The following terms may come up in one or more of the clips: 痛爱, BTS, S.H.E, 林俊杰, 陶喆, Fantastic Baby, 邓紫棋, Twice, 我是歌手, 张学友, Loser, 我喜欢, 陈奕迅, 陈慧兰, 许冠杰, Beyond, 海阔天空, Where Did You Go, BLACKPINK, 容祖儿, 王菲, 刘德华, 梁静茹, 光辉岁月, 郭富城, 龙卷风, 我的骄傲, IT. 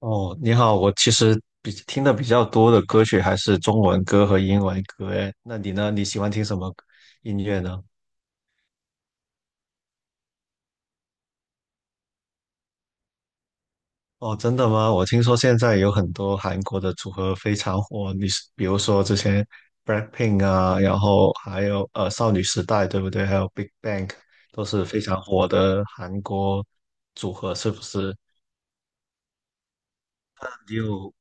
哦，你好，我其实比听的比较多的歌曲还是中文歌和英文歌，诶，那你呢？你喜欢听什么音乐呢？哦，真的吗？我听说现在有很多韩国的组合非常火，你是比如说之前 BLACKPINK 啊，然后还有少女时代，对不对？还有 Big Bang 都是非常火的韩国组合，是不是？你有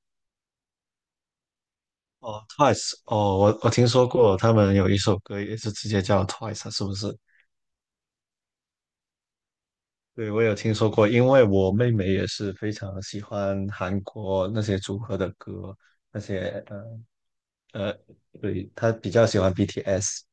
哦 Twice 哦，我听说过他们有一首歌也是直接叫 Twice，啊是不是？对，我有听说过，因为我妹妹也是非常喜欢韩国那些组合的歌，那些呃，对，她比较喜欢 BTS。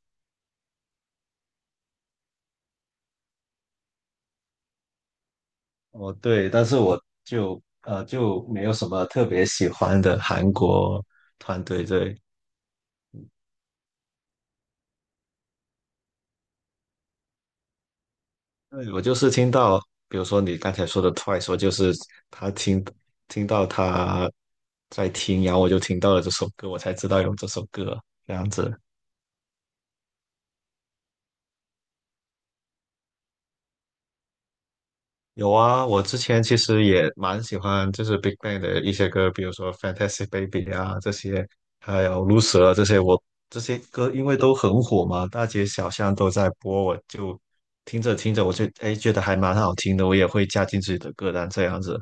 哦，对，但是我就没有什么特别喜欢的韩国团队。对，对，我就是听到，比如说你刚才说的 Twice，我就是他听到他在听，然后我就听到了这首歌，我才知道有这首歌这样子。有啊，我之前其实也蛮喜欢，就是 Big Bang 的一些歌，比如说《Fantastic Baby》啊这些，还有《Loser》啊这些我，这些歌因为都很火嘛，大街小巷都在播，我就听着听着，我就哎觉得还蛮好听的，我也会加进自己的歌单这样子。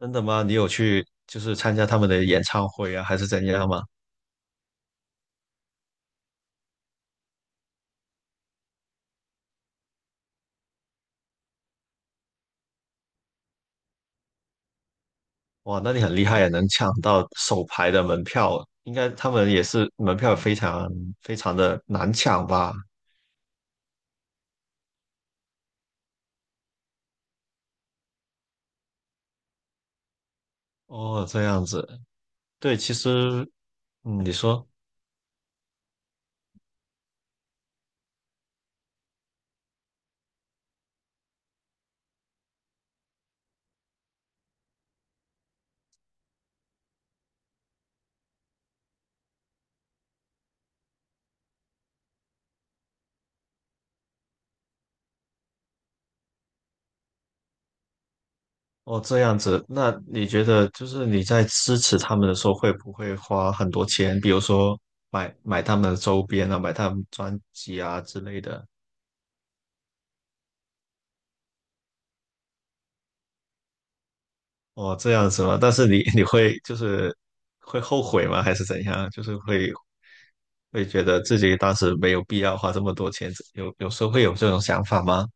真的吗？你有去就是参加他们的演唱会啊，还是怎样吗？哇，那你很厉害啊，能抢到首排的门票，应该他们也是门票非常非常的难抢吧？哦，这样子。对，其实，嗯，你说，哦，这样子，那你觉得就是你在支持他们的时候，会不会花很多钱？比如说买他们的周边啊，买他们专辑啊之类的。哦，这样子吗？但是你 你会就是会后悔吗？还是怎样？就是会觉得自己当时没有必要花这么多钱，有时候会有这种想法吗？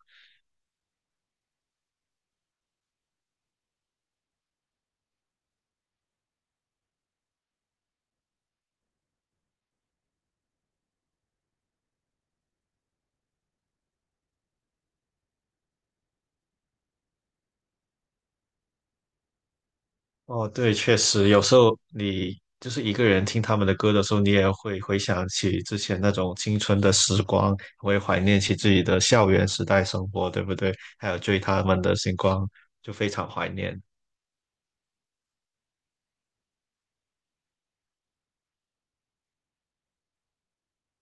哦，对，确实，有时候你就是一个人听他们的歌的时候，你也会回想起之前那种青春的时光，会怀念起自己的校园时代生活，对不对？还有追他们的星光，就非常怀念。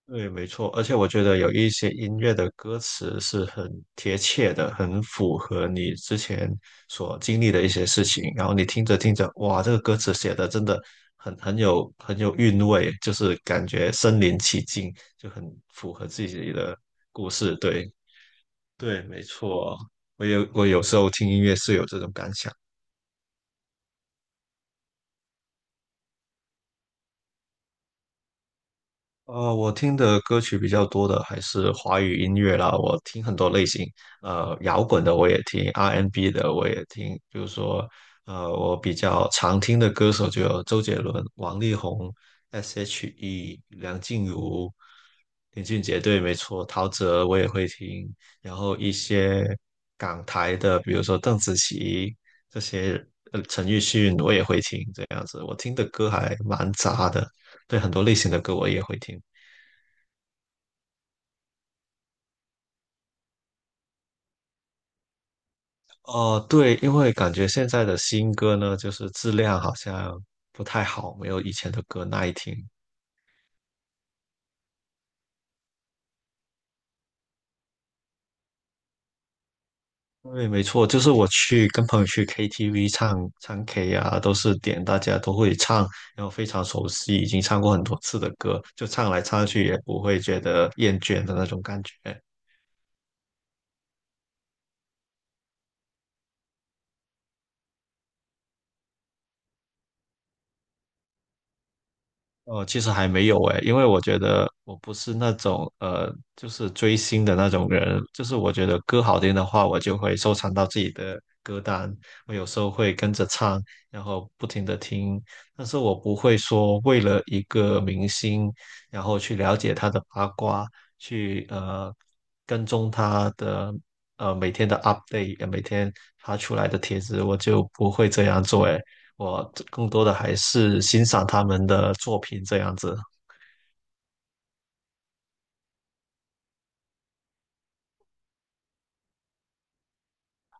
对，没错，而且我觉得有一些音乐的歌词是很贴切的，很符合你之前所经历的一些事情。然后你听着听着，哇，这个歌词写的真的很有很有韵味，就是感觉身临其境，就很符合自己的故事。对，对，没错，我有时候听音乐是有这种感想。我听的歌曲比较多的还是华语音乐啦，我听很多类型，摇滚的我也听，R&B n 的我也听，比如说，我比较常听的歌手就有周杰伦、王力宏、S.H.E、梁静茹、林俊杰，对，没错，陶喆我也会听，然后一些港台的，比如说邓紫棋这些，陈奕迅我也会听，这样子，我听的歌还蛮杂的，对，很多类型的歌我也会听。哦，对，因为感觉现在的新歌呢，就是质量好像不太好，没有以前的歌耐听。对，没错，就是我去跟朋友去 KTV 唱唱 K 啊，都是点大家都会唱，然后非常熟悉，已经唱过很多次的歌，就唱来唱去也不会觉得厌倦的那种感觉。哦，其实还没有诶，因为我觉得我不是那种就是追星的那种人。就是我觉得歌好听的话，我就会收藏到自己的歌单，我有时候会跟着唱，然后不停的听。但是我不会说为了一个明星，然后去了解他的八卦，去跟踪他的每天的 update，每天发出来的帖子，我就不会这样做诶。我更多的还是欣赏他们的作品这样子。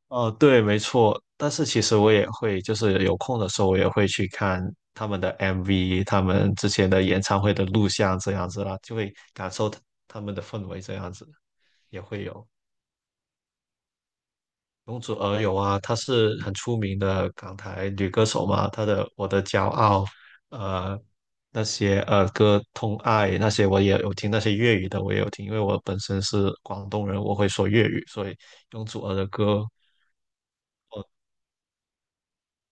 哦，对，没错。但是其实我也会，就是有空的时候，我也会去看他们的 MV，他们之前的演唱会的录像这样子啦，就会感受他们的氛围这样子，也会有。容祖儿有啊，她是很出名的港台女歌手嘛，她的《我的骄傲》，呃，那些歌《痛爱》那些我也有听，那些粤语的我也有听，因为我本身是广东人，我会说粤语，所以容祖儿的歌，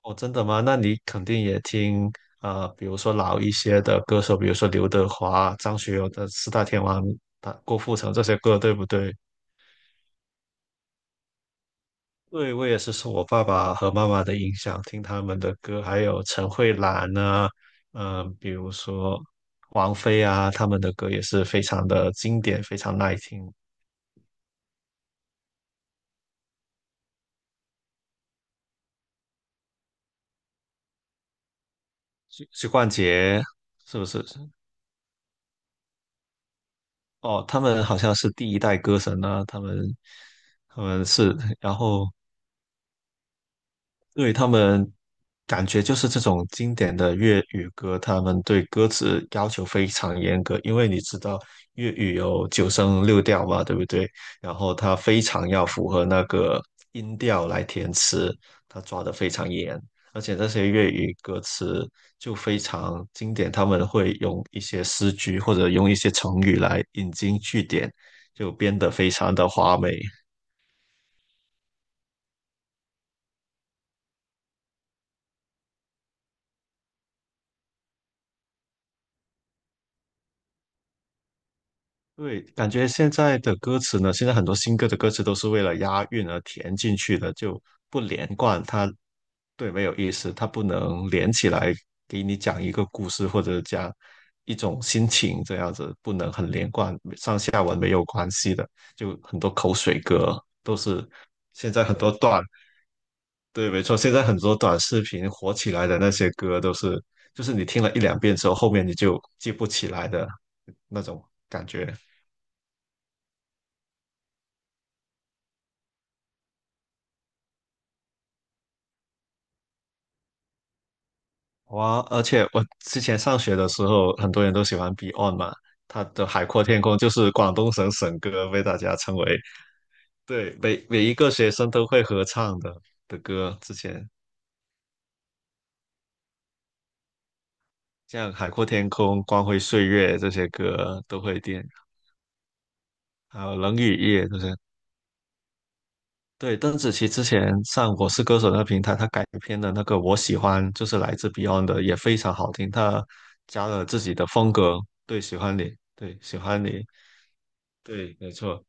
哦，真的吗？那你肯定也听，比如说老一些的歌手，比如说刘德华、张学友的四大天王、他郭富城这些歌，对不对？对，我也是受我爸爸和妈妈的影响，听他们的歌，还有陈慧兰啊，嗯、比如说王菲啊，他们的歌也是非常的经典，非常耐听。许冠杰是不是？哦，他们好像是第一代歌神啊，他们是，然后对他们感觉就是这种经典的粤语歌，他们对歌词要求非常严格，因为你知道粤语有九声六调嘛，对不对？然后他非常要符合那个音调来填词，他抓得非常严，而且这些粤语歌词就非常经典，他们会用一些诗句或者用一些成语来引经据典，就编得非常的华美。对，感觉现在的歌词呢，现在很多新歌的歌词都是为了押韵而填进去的，就不连贯，它对没有意思，它不能连起来给你讲一个故事或者讲一种心情这样子，不能很连贯，上下文没有关系的，就很多口水歌都是现在很多短，对，没错，现在很多短视频火起来的那些歌都是，就是你听了一两遍之后，后面你就记不起来的那种感觉。哇，而且我之前上学的时候，很多人都喜欢 Beyond 嘛，他的《海阔天空》就是广东省省歌，被大家称为，对，每一个学生都会合唱的歌。之前像《海阔天空》《光辉岁月》这些歌都会点，还有《冷雨夜》这些。对，邓紫棋之前上《我是歌手》那个平台，她改编的那个《我喜欢》就是来自 Beyond 的，也非常好听，她加了自己的风格。对，喜欢你，对，喜欢你，对，没错。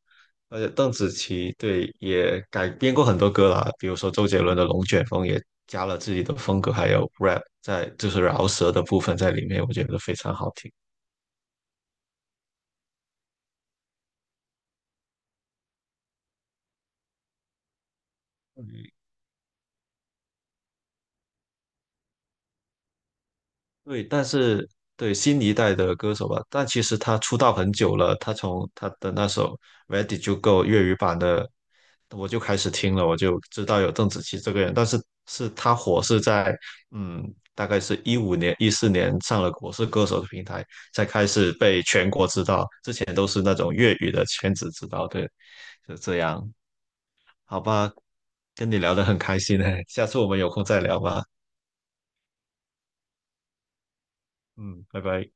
而且邓紫棋对也改编过很多歌啦，比如说周杰伦的《龙卷风》也加了自己的风格，还有 rap 在就是饶舌的部分在里面，我觉得非常好听。对，但是对新一代的歌手吧，但其实他出道很久了，他从他的那首《Where Did You Go》粤语版的，我就开始听了，我就知道有邓紫棋这个人，但是是他火是在嗯，大概是2015年、2014年上了《我是歌手》的平台，才开始被全国知道，之前都是那种粤语的圈子知道，对，就这样，好吧，跟你聊得很开心诶，下次我们有空再聊吧，嗯，拜拜。